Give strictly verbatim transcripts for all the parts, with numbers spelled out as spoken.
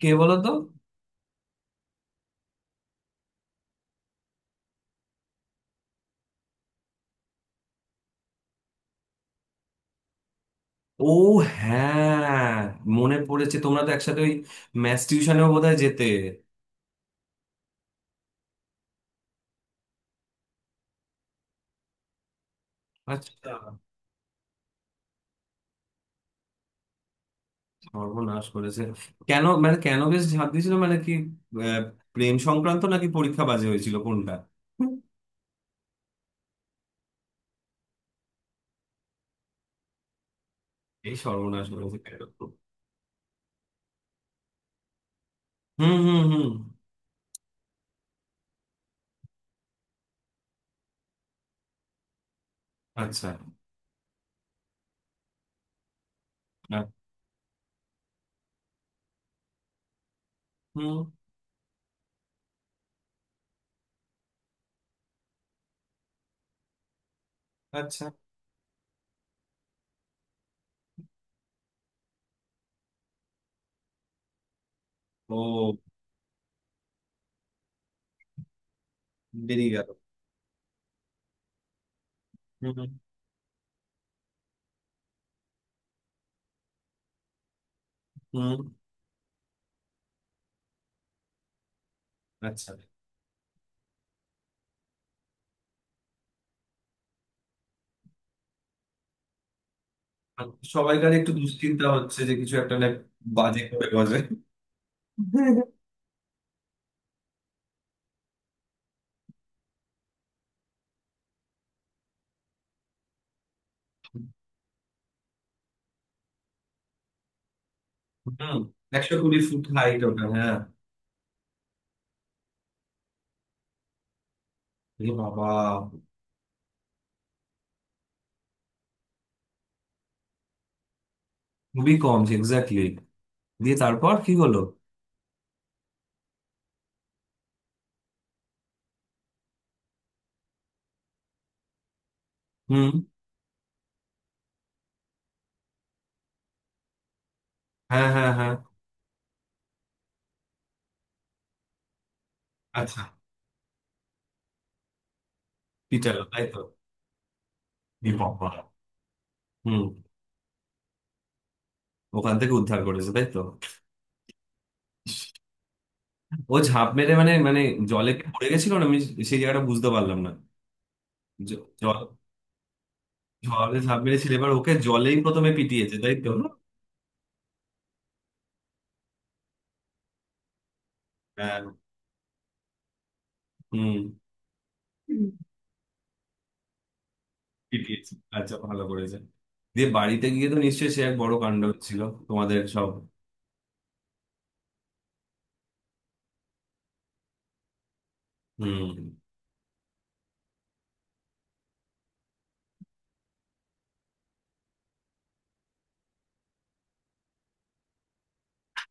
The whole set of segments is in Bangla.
কে বলো তো? ও, হ্যাঁ, মনে পড়েছে। তোমরা তো একসাথে ওই ম্যাথ টিউশনেও বোধহয় যেতে। আচ্ছা। সর্বনাশ করেছে। কেন, মানে কেন বেশ ঝাঁপ দিয়েছিল, মানে কি? আহ, প্রেম সংক্রান্ত নাকি পরীক্ষা বাজে হয়েছিল, কোনটা? হুম। এই সর্বনাশ করেছে কেন? হুম, হুম, হুম। আচ্ছা। আ- হুম। আচ্ছা। ও। বেরিয়ে গেল। হুম, হুম, হুম। আচ্ছা। সবাইকার একটু দুশ্চিন্তা হচ্ছে যে কিছু একটা না বাজে করে, বাজে। হুম। একশো কুড়ি ফুট হাইট ওটা, হ্যাঁ। এ বাবা। খুবই কম, এক্স্যাক্টলি। দিয়ে তারপর কি হলো? হুম। হ্যাঁ, হ্যাঁ, হ্যাঁ। আচ্ছা। পিটালো, তাই তো। এ বাবা। হুম। ওখান থেকে উদ্ধার করেছে, তাই তো। ও ঝাঁপ মেরে মানে মানে জলে কি পড়ে গেছিল, না আমি সেই জায়গাটা বুঝতে পারলাম না। জ- জল। জলে ঝাঁপ মেরেছিল, এবার ওকে জলেই প্রথমে পিটিয়েছে, তাই তো। হ্যাঁ। হুম। পিটিয়েছে। আচ্ছা, ভালো করেছে। দিয়ে বাড়িতে গিয়ে তো নিশ্চয়ই সে এক বড় কাণ্ড ছিল তোমাদের সব। হুম।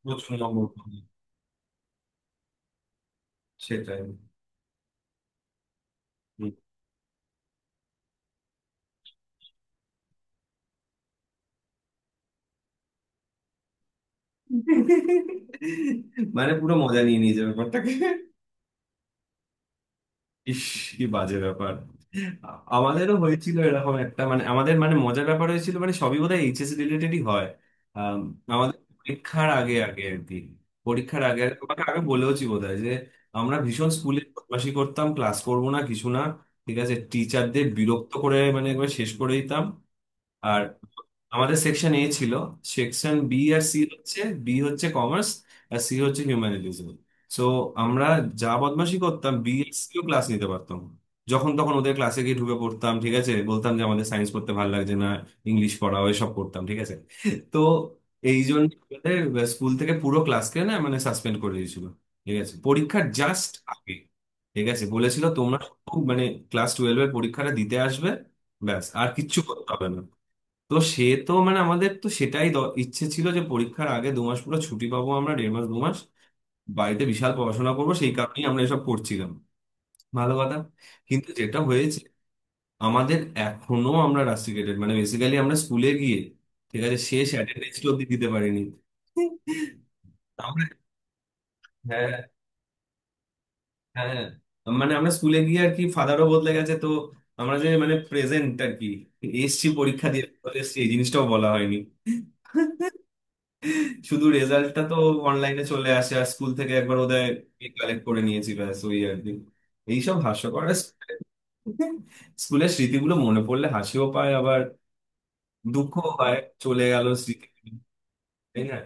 প্রচুর নম্বর পাবে। সেটাই। হুম। মানে পুরো মজা নিয়ে নিয়েছে ব্যাপারটাকে। ইস, কি বাজে ব্যাপার। আ- আমাদেরও হয়েছিল এরকম একটা, মানে আমাদের মানে মজার ব্যাপার হয়েছিল, মানে সবই বোধহয় এইচএস রিলেটেডই হয়। আম, আমাদের পরীক্ষার আগে আগে আর কি। পরীক্ষার আগে আগে- তোমাকে আগে বলেওছি বোধহয় যে আমরা ভীষণ স্কুলে বদমাশি করতাম, ক্লাস করবো না কিছু না। ঠিক আছে, টিচারদের বিরক্ত করে মানে একবার শেষ করে দিতাম। আর আমাদের সেকশন এ ছিল। সেকশন বি আর সি হচ্ছে, বি হচ্ছে কমার্স, আর সি হচ্ছে হিউম্যানিটিজ। সো আমরা যা বদমাশি করতাম, বি আর সিও ক্লাস নিতে পারতাম না। যখন তখন ওদের ক্লাসে গিয়ে ঢুকে পড়তাম, ঠিক আছে, বলতাম যে আমাদের সায়েন্স পড়তে ভালো লাগছে না, ইংলিশ পড়াও, এসব করতাম ঠিক আছে। তো এই জন্য আমাদের স্কুল থেকে পুরো ক্লাসকে না মানে সাসপেন্ড করে দিয়েছিল। ঠিক আছে, পরীক্ষার জাস্ট আগে। ঠিক আছে, বলেছিল তোমরা শুধু মানে ক্লাস টুয়েলভ এর পরীক্ষাটা দিতে আসবে, ব্যাস আর কিচ্ছু করতে হবে না। তো সে তো মানে আমাদের তো সেটাই দ- ইচ্ছে ছিল যে পরীক্ষার আগে দু মাস পুরো ছুটি পাবো আমরা, দেড় মাস দু মাস বাড়িতে বিশাল পড়াশোনা করবো, সেই কারণেই আমরা এসব করছিলাম। ভালো কথা। কিন্তু যেটা হয়েছে আমাদের, এখনো আমরা রাস্টিকেটেড মানে বেসিক্যালি আমরা স্কুলে গিয়ে ঠিক আছে শেষ অ্যাটেন্ডেন্স অব্দি দিতে পারিনি। আমরা, হ্যাঁ, হ্যাঁ, হ্যাঁ। মানে আমরা স্কুলে গিয়ে আর কি, ফাদারও বদলে গেছে তো, আমরা যে মানে প্রেজেন্ট আর কি এসছি পরীক্ষা দিয়ে এসছি এই জিনিসটাও বলা হয়নি। শুধু রেজাল্টটা তো অনলাইনে চলে আসে আর স্কুল থেকে একবার ওদের কালেক্ট করে নিয়েছি, ব্যাস ওই আর কি। এইসব হাস্যকর স্কুলের স্মৃতিগুলো মনে পড়লে হাসিও পায়, আবার দুঃখ হয়। চলে গেল স্মৃতি, তাই না।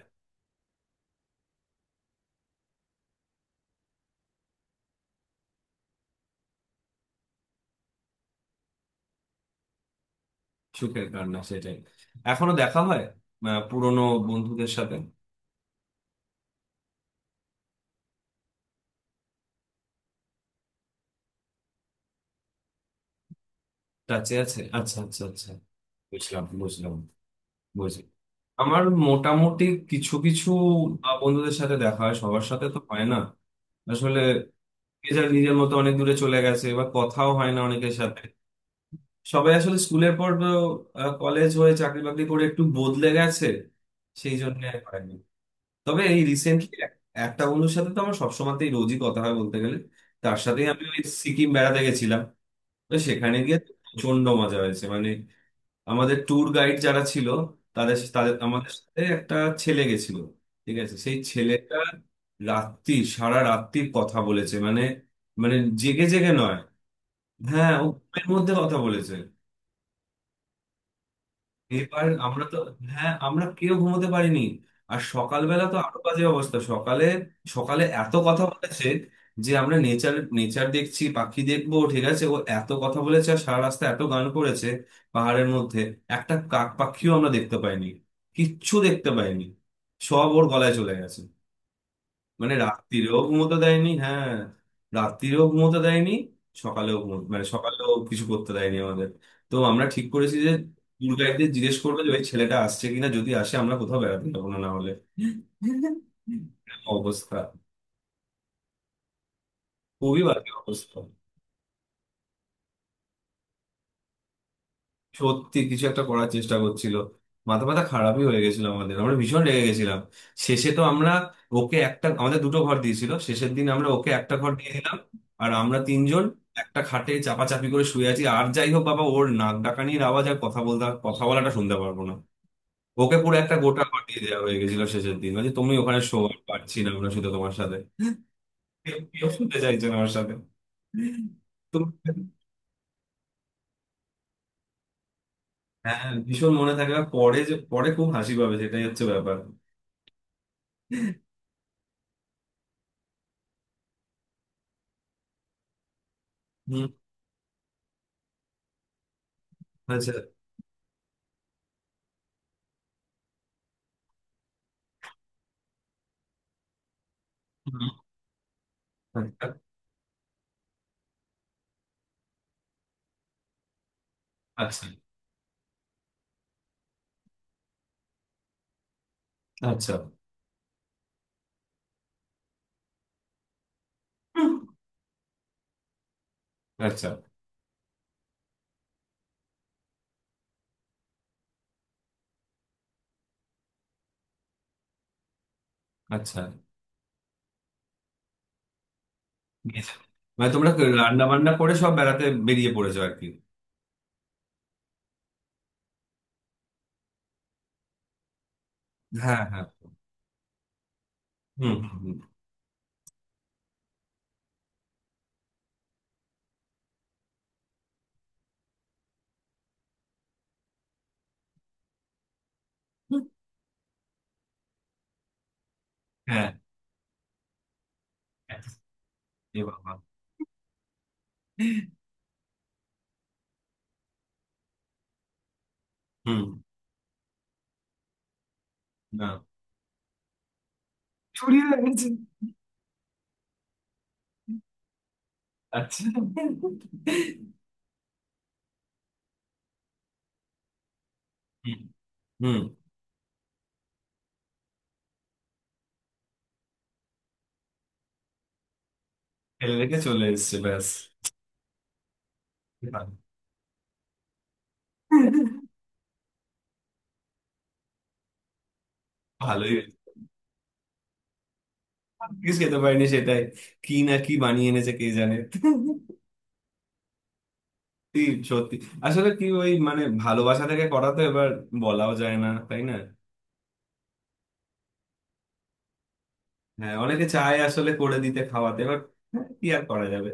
সুখের কান্না, সেটাই। এখনো দেখা হয় আহ, পুরনো বন্ধুদের সাথে। টাচে আছে। আচ্ছা, আচ্ছা, আচ্ছা। বুঝলাম, বুঝলাম, বুঝলাম। আমার মোটামুটি কিছু কিছু আহ, বন্ধুদের সাথে দেখা হয়, সবার সাথে তো হয় না আসলে। নিজের নিজের মতো অনেক দূরে চলে গেছে বা কথাও হয় না অনেকের সাথে। সবাই আসলে স্কুলের পর কলেজ হয়ে চাকরি বাকরি করে একটু বদলে গেছে, সেই জন্য আর হয়নি। তবে এই রিসেন্টলি একটা বন্ধুর সাথে তো আমার সবসময়তেই রোজই কথা হয় বলতে গেলে, তার সাথেই আমি ওই সিকিম বেড়াতে গেছিলাম। তো সেখানে গিয়ে প্রচন্ড মজা হয়েছে মানে। আমাদের ট্যুর গাইড যারা ছিল তাদের তাদের আমাদের সাথে একটা ছেলে গেছিল ঠিক আছে, সেই ছেলেটা রাত্রি সারা রাত্রির কথা বলেছে মানে। মানে জেগে জেগে নয়, হ্যাঁ, ও ঘুমের মধ্যে কথা বলেছে। এবার আমরা তো, হ্যাঁ, আমরা কেউ ঘুমোতে পারিনি। আর সকালবেলা তো আরো বাজে অবস্থা, সকালে সকালে এত কথা বলেছে যে আমরা নেচার নেচার দেখছি, পাখি দেখবো ঠিক আছে, ও এত কথা বলেছে আর সারা রাস্তা এত গান করেছে পাহাড়ের মধ্যে, একটা কাক পাখিও আমরা দেখতে পাইনি, কিচ্ছু দেখতে পাইনি, সব ওর গলায় চলে গেছে। মানে রাত্তিরেও ঘুমোতে দেয়নি, হ্যাঁ, রাত্তিরেও ঘুমোতে দেয়নি, সকালেও ঘুমো মানে সকালেও কিছু করতে দেয়নি আমাদের। তো আমরা ঠিক করেছি যে ট্যুর গাইডদের জিজ্ঞেস করবে যে ওই ছেলেটা আসছে কিনা, যদি আসে আমরা কোথাও বেড়াতে যাবো না, না হলে অবস্থা। খুবই বাজে অবস্থা। সত্যি কিছু একটা করার চেষ্টা করছিল। মাথা মাথা খারাপই হয়ে গেছিল আমাদের, আমরা ভীষণ রেগে গেছিলাম। শেষে তো আমরা, ওকে একটা আমাদের দুটো ঘর দিয়েছিল শেষের দিন, আমরা ওকে একটা ঘর দিয়ে দিলাম। আর আমরা তিনজন একটা খাটে চাপাচাপি করে শুয়ে আছি, আর যাই হোক বাবা ওর নাক ডাকানির আওয়াজ আর কথা বলতে, কথা বলাটা শুনতে পারবো না। ওকে পুরো একটা গোটা ঘর দিয়ে দেওয়া হয়ে গেছিল শেষের দিন, মানে তুমি ওখানে শোয়া পারছি না আমরা, শুধু তোমার সাথে কেউ কেউ শুনতে চাইছে না আমার সাথে। তুমি, হ্যাঁ, হ্যাঁ, ভীষণ মনে থাকবে আর পরে যে পরে খুব হাসি পাবে সেটাই হচ্ছে ব্যাপার। হুম, আচ্ছা। হুম, আচ্ছা, আচ্ছা। হুম, আচ্ছা, আচ্ছা। বেশ। মানে তোমরা রান্না বান্না করে সব বেড়াতে বেরিয়ে পড়েছো আর কি। হ্যাঁ, হ্যাঁ। হুম, হুম, হুম। হুম, হ্যাঁ। এ বাবা। হুম। না, চুরি হয়ে গেছে। আচ্ছা। হুম, হুম। ফেলে রেখে চলে এসছে, ব্যাস। ভালোই। কিছু খেতে পারিনি, সেটাই। কি না কি বানিয়ে এনেছে কে জানে। সত্যি। সত্যি। আসলে কি ওই মানে ভালোবাসা থেকে করা তো এবার, বলাও যায় না, তাই না। হ্যাঁ, অনেকে চায় আসলে করে দিতে, খাওয়াতে এবার। হ্যাঁ, কি আর করা যাবে।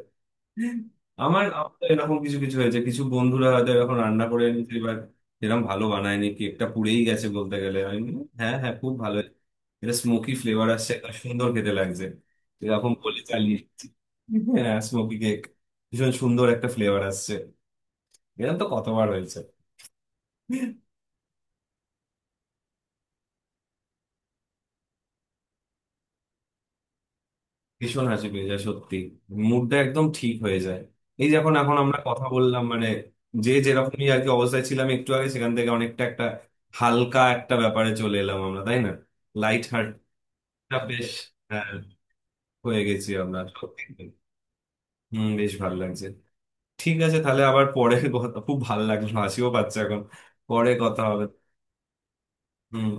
আমার আমার তো এরকম কিছু কিছু হয়েছে, কিছু বন্ধুরা হয়তো এখন রান্না করে এনেছে এবার এরকম, ভালো বানায়নি, কেকটা পুড়েই গেছে বলতে গেলে, আমি বলি, হ্যাঁ, হ্যাঁ, খুব ভালো হয়েছে। এটা স্মোকি ফ্লেভার আসছে, একটা সুন্দর খেতে লাগছে, এরকম বলে চালিয়ে দিচ্ছি। হ্যাঁ, স্মোকি কেক। ভীষণ সুন্দর একটা ফ্লেভার আসছে। এরকম তো কতবার হয়েছে। ভীষণ হাসি পেয়ে যায় সত্যি, মুডটা একদম ঠিক হয়ে যায়। এই যখন এখন আমরা কথা বললাম মানে, যে যেরকমই আর কি অবস্থায় ছিলাম একটু আগে, সেখান থেকে অনেকটা একটা হালকা একটা ব্যাপারে চলে এলাম আমরা, তাই না। লাইট হার্টটা, বেশ, হ্যাঁ, হয়ে গেছি আমরা সত্যি। হম, বেশ ভালো লাগছে। ঠিক আছে তাহলে আবার পরে কথা, খুব ভালো লাগলো, হাসিও পাচ্ছে এখন, পরে কথা হবে। হম।